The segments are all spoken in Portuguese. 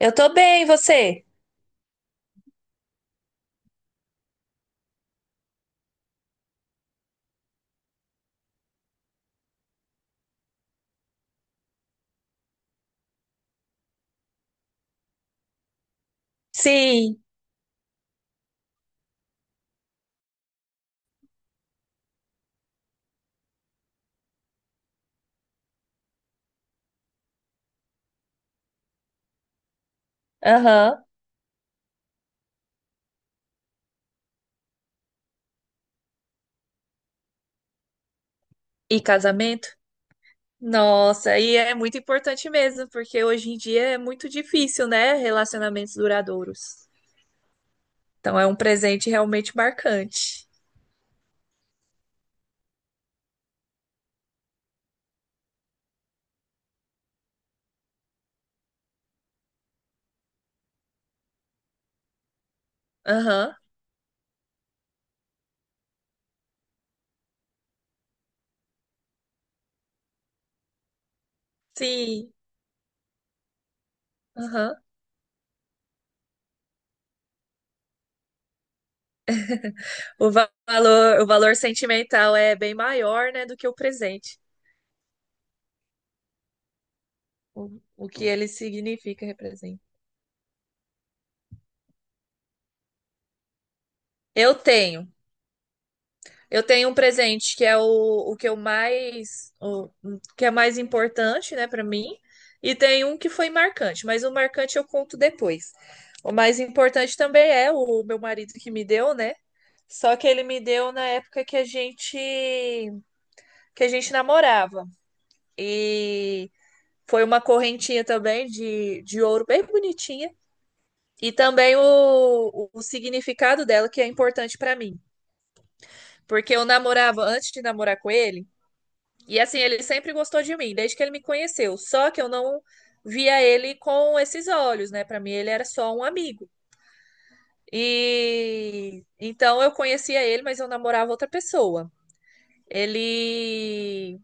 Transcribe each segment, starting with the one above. Eu tô bem, e você? Sim. Aham. E casamento? Nossa, e é muito importante mesmo, porque hoje em dia é muito difícil, né? Relacionamentos duradouros. Então é um presente realmente marcante. Aham. Sim. Aham. O valor, o valor sentimental é bem maior, né, do que o presente, o, o que ele significa, representa. Eu tenho, eu tenho um presente que é o que eu mais, o que é mais importante, né, para mim, e tem um que foi marcante, mas o marcante eu conto depois. O mais importante também é o meu marido que me deu, né? Só que ele me deu na época que a gente namorava. E foi uma correntinha também de ouro bem bonitinha. E também o significado dela, que é importante pra mim. Porque eu namorava antes de namorar com ele. E assim, ele sempre gostou de mim, desde que ele me conheceu. Só que eu não via ele com esses olhos, né? Pra mim, ele era só um amigo. E então eu conhecia ele, mas eu namorava outra pessoa. Ele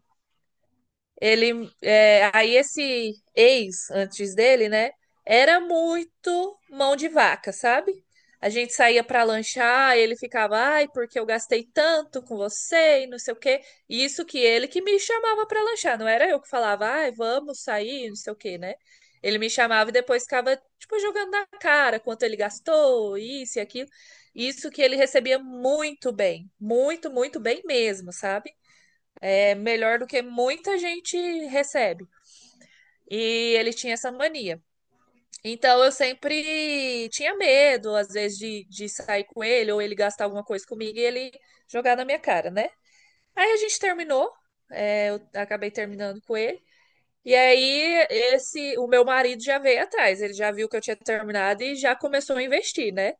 Ele, é, aí esse ex antes dele, né, era muito mão de vaca, sabe? A gente saía para lanchar, ele ficava, ai, porque eu gastei tanto com você e não sei o quê. Isso que ele que me chamava para lanchar, não era eu que falava, ai, vamos sair, não sei o quê, né? Ele me chamava e depois ficava, tipo, jogando na cara quanto ele gastou, isso e aquilo. Isso que ele recebia muito bem, muito, muito bem mesmo, sabe? É melhor do que muita gente recebe. E ele tinha essa mania. Então eu sempre tinha medo, às vezes, de sair com ele, ou ele gastar alguma coisa comigo e ele jogar na minha cara, né? Aí a gente terminou, é, eu acabei terminando com ele. E aí o meu marido já veio atrás, ele já viu que eu tinha terminado e já começou a investir, né?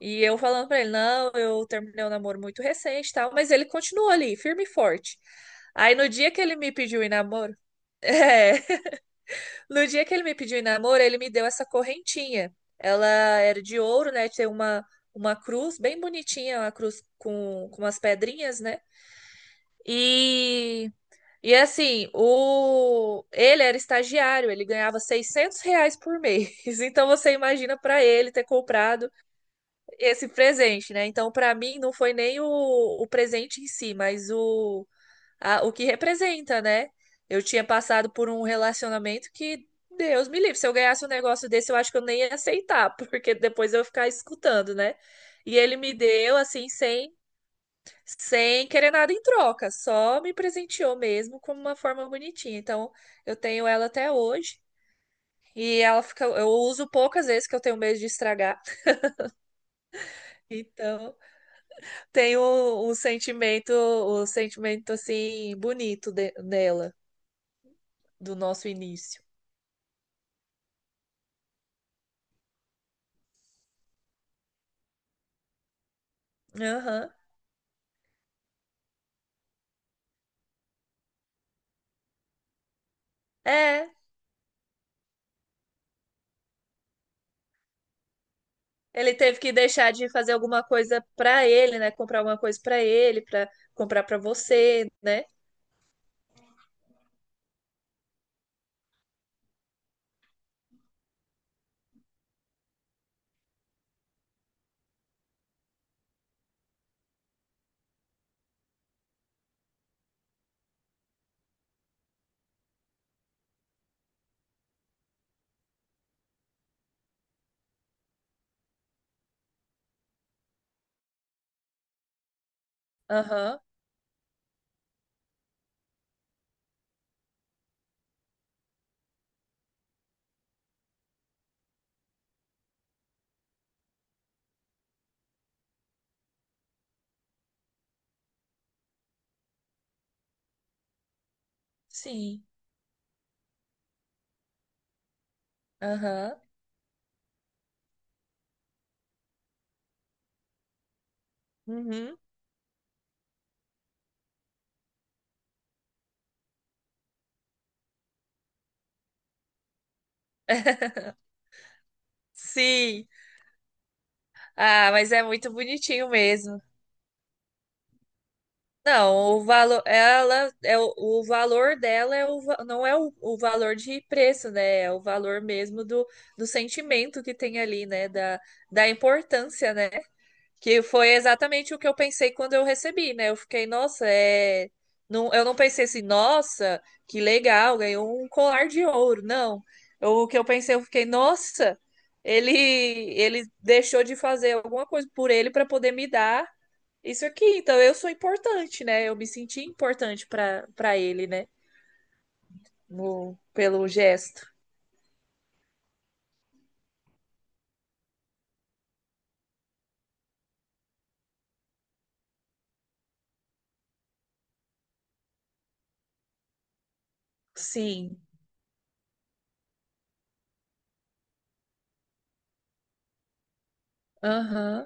E eu falando pra ele, não, eu terminei um namoro muito recente e tal, mas ele continuou ali, firme e forte. Aí no dia que ele me pediu em namoro, é, no dia que ele me pediu em namoro, ele me deu essa correntinha. Ela era de ouro, né? Uma cruz bem bonitinha, uma cruz com umas pedrinhas, né? E, e assim, ele era estagiário, ele ganhava R$ 600 por mês. Então você imagina para ele ter comprado esse presente, né? Então para mim não foi nem o presente em si, mas o que representa, né? Eu tinha passado por um relacionamento que, Deus me livre, se eu ganhasse um negócio desse, eu acho que eu nem ia aceitar, porque depois eu ia ficar escutando, né? E ele me deu, assim, sem querer nada em troca, só me presenteou mesmo como uma forma bonitinha. Então, eu tenho ela até hoje. E ela fica, eu uso poucas vezes que eu tenho medo de estragar. Então, tenho um sentimento assim bonito nela, do nosso início. Aham. É, ele teve que deixar de fazer alguma coisa pra ele, né? Comprar alguma coisa pra ele, pra comprar pra você, né? Aham, sim, aham, uhum. Sim. Ah, mas é muito bonitinho mesmo. Não, o valor, ela é o valor dela é não é o valor de preço, né? É o valor mesmo do, do sentimento que tem ali, né? Da, da importância, né? Que foi exatamente o que eu pensei quando eu recebi, né? Eu fiquei, nossa, é. Não, eu não pensei assim, nossa, que legal, ganhou um colar de ouro. Não. O que eu pensei, eu fiquei, nossa, ele, ele deixou de fazer alguma coisa por ele para poder me dar isso aqui. Então eu sou importante, né? Eu me senti importante para ele, né? No, pelo gesto. Sim. Aham,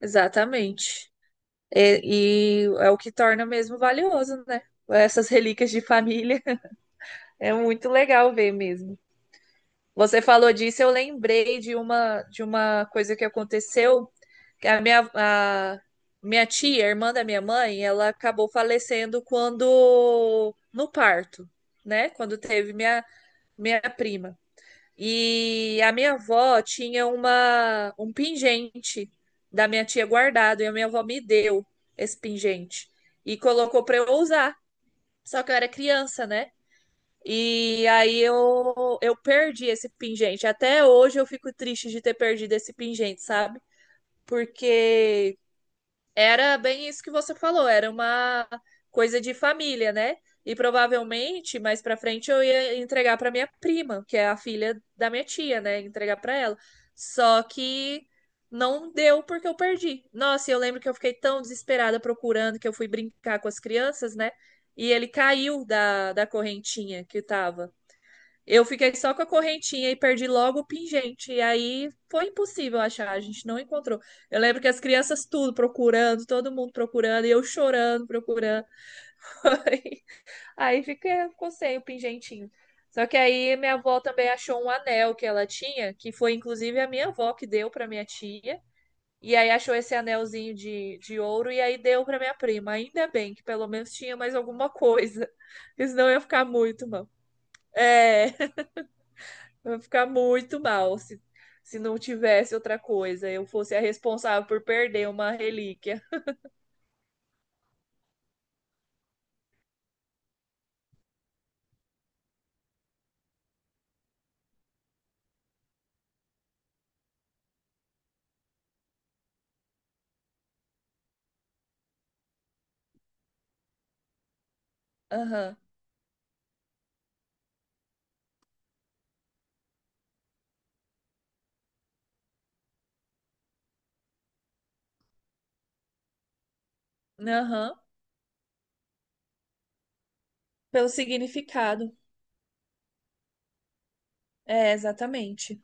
exatamente. E é o que torna mesmo valioso, né? Essas relíquias de família. É muito legal ver mesmo. Você falou disso, eu lembrei de uma coisa que aconteceu, que a minha tia, irmã da minha mãe, ela acabou falecendo quando no parto, né? Quando teve minha prima. E a minha avó tinha uma, um pingente da minha tia guardado, e a minha avó me deu esse pingente e colocou para eu usar. Só que eu era criança, né? E aí eu perdi esse pingente. Até hoje eu fico triste de ter perdido esse pingente, sabe? Porque era bem isso que você falou, era uma coisa de família, né? E provavelmente mais pra frente eu ia entregar pra minha prima, que é a filha da minha tia, né? Entregar pra ela. Só que não deu porque eu perdi. Nossa, e eu lembro que eu fiquei tão desesperada procurando que eu fui brincar com as crianças, né? E ele caiu da correntinha que tava. Eu fiquei só com a correntinha e perdi logo o pingente. E aí foi impossível achar, a gente não encontrou. Eu lembro que as crianças tudo procurando, todo mundo procurando, e eu chorando, procurando. Foi. Ficou sem o pingentinho. Só que aí minha avó também achou um anel que ela tinha, que foi inclusive a minha avó que deu para minha tia. E aí achou esse anelzinho de ouro e aí deu para minha prima. Ainda bem que pelo menos tinha mais alguma coisa, porque senão eu ia ficar muito mal. É. Eu ia ficar muito mal se não tivesse outra coisa. Eu fosse a responsável por perder uma relíquia. Aham, aham. Pelo significado. É, exatamente.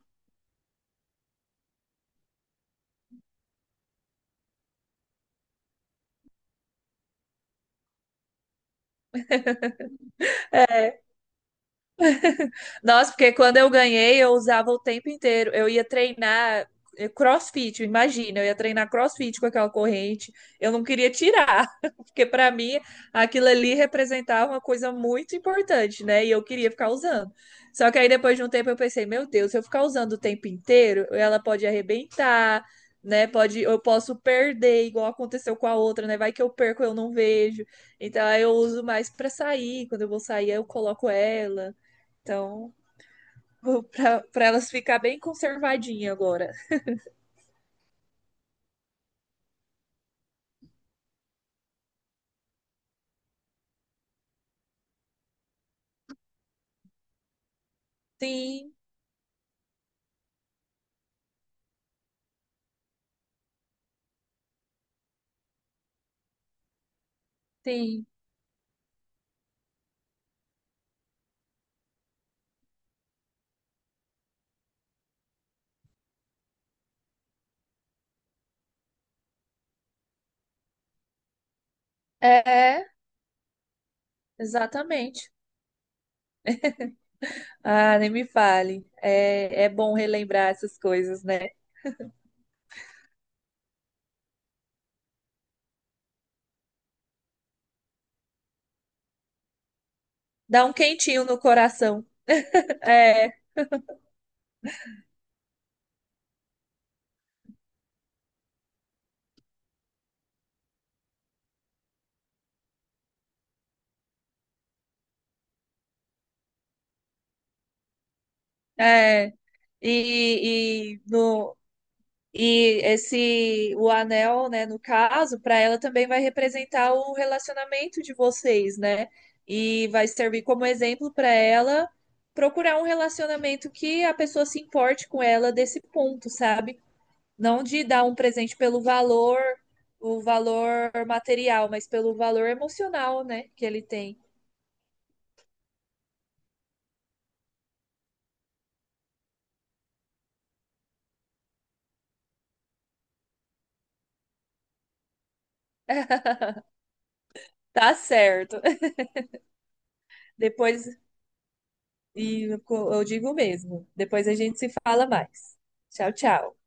Nossa, porque quando eu ganhei, eu usava o tempo inteiro. Eu ia treinar CrossFit, imagina, eu ia treinar CrossFit com aquela corrente. Eu não queria tirar, porque para mim aquilo ali representava uma coisa muito importante, né? E eu queria ficar usando. Só que aí depois de um tempo eu pensei, meu Deus, se eu ficar usando o tempo inteiro, ela pode arrebentar, né? Pode, eu posso perder, igual aconteceu com a outra, né? Vai que eu perco, eu não vejo. Então aí eu uso mais para sair. Quando eu vou sair, eu coloco ela. Então, vou pra elas ficar bem conservadinha agora. Sim, sim. É, exatamente. Ah, nem me fale. É, é bom relembrar essas coisas, né? Dá um quentinho no coração. É, é. E no, E esse o anel, né, no caso, para ela também vai representar o relacionamento de vocês, né? E vai servir como exemplo para ela procurar um relacionamento que a pessoa se importe com ela desse ponto, sabe? Não de dar um presente pelo valor, o valor material, mas pelo valor emocional, né, que ele tem. Tá certo. Depois, e eu digo mesmo, depois a gente se fala mais. Tchau, tchau.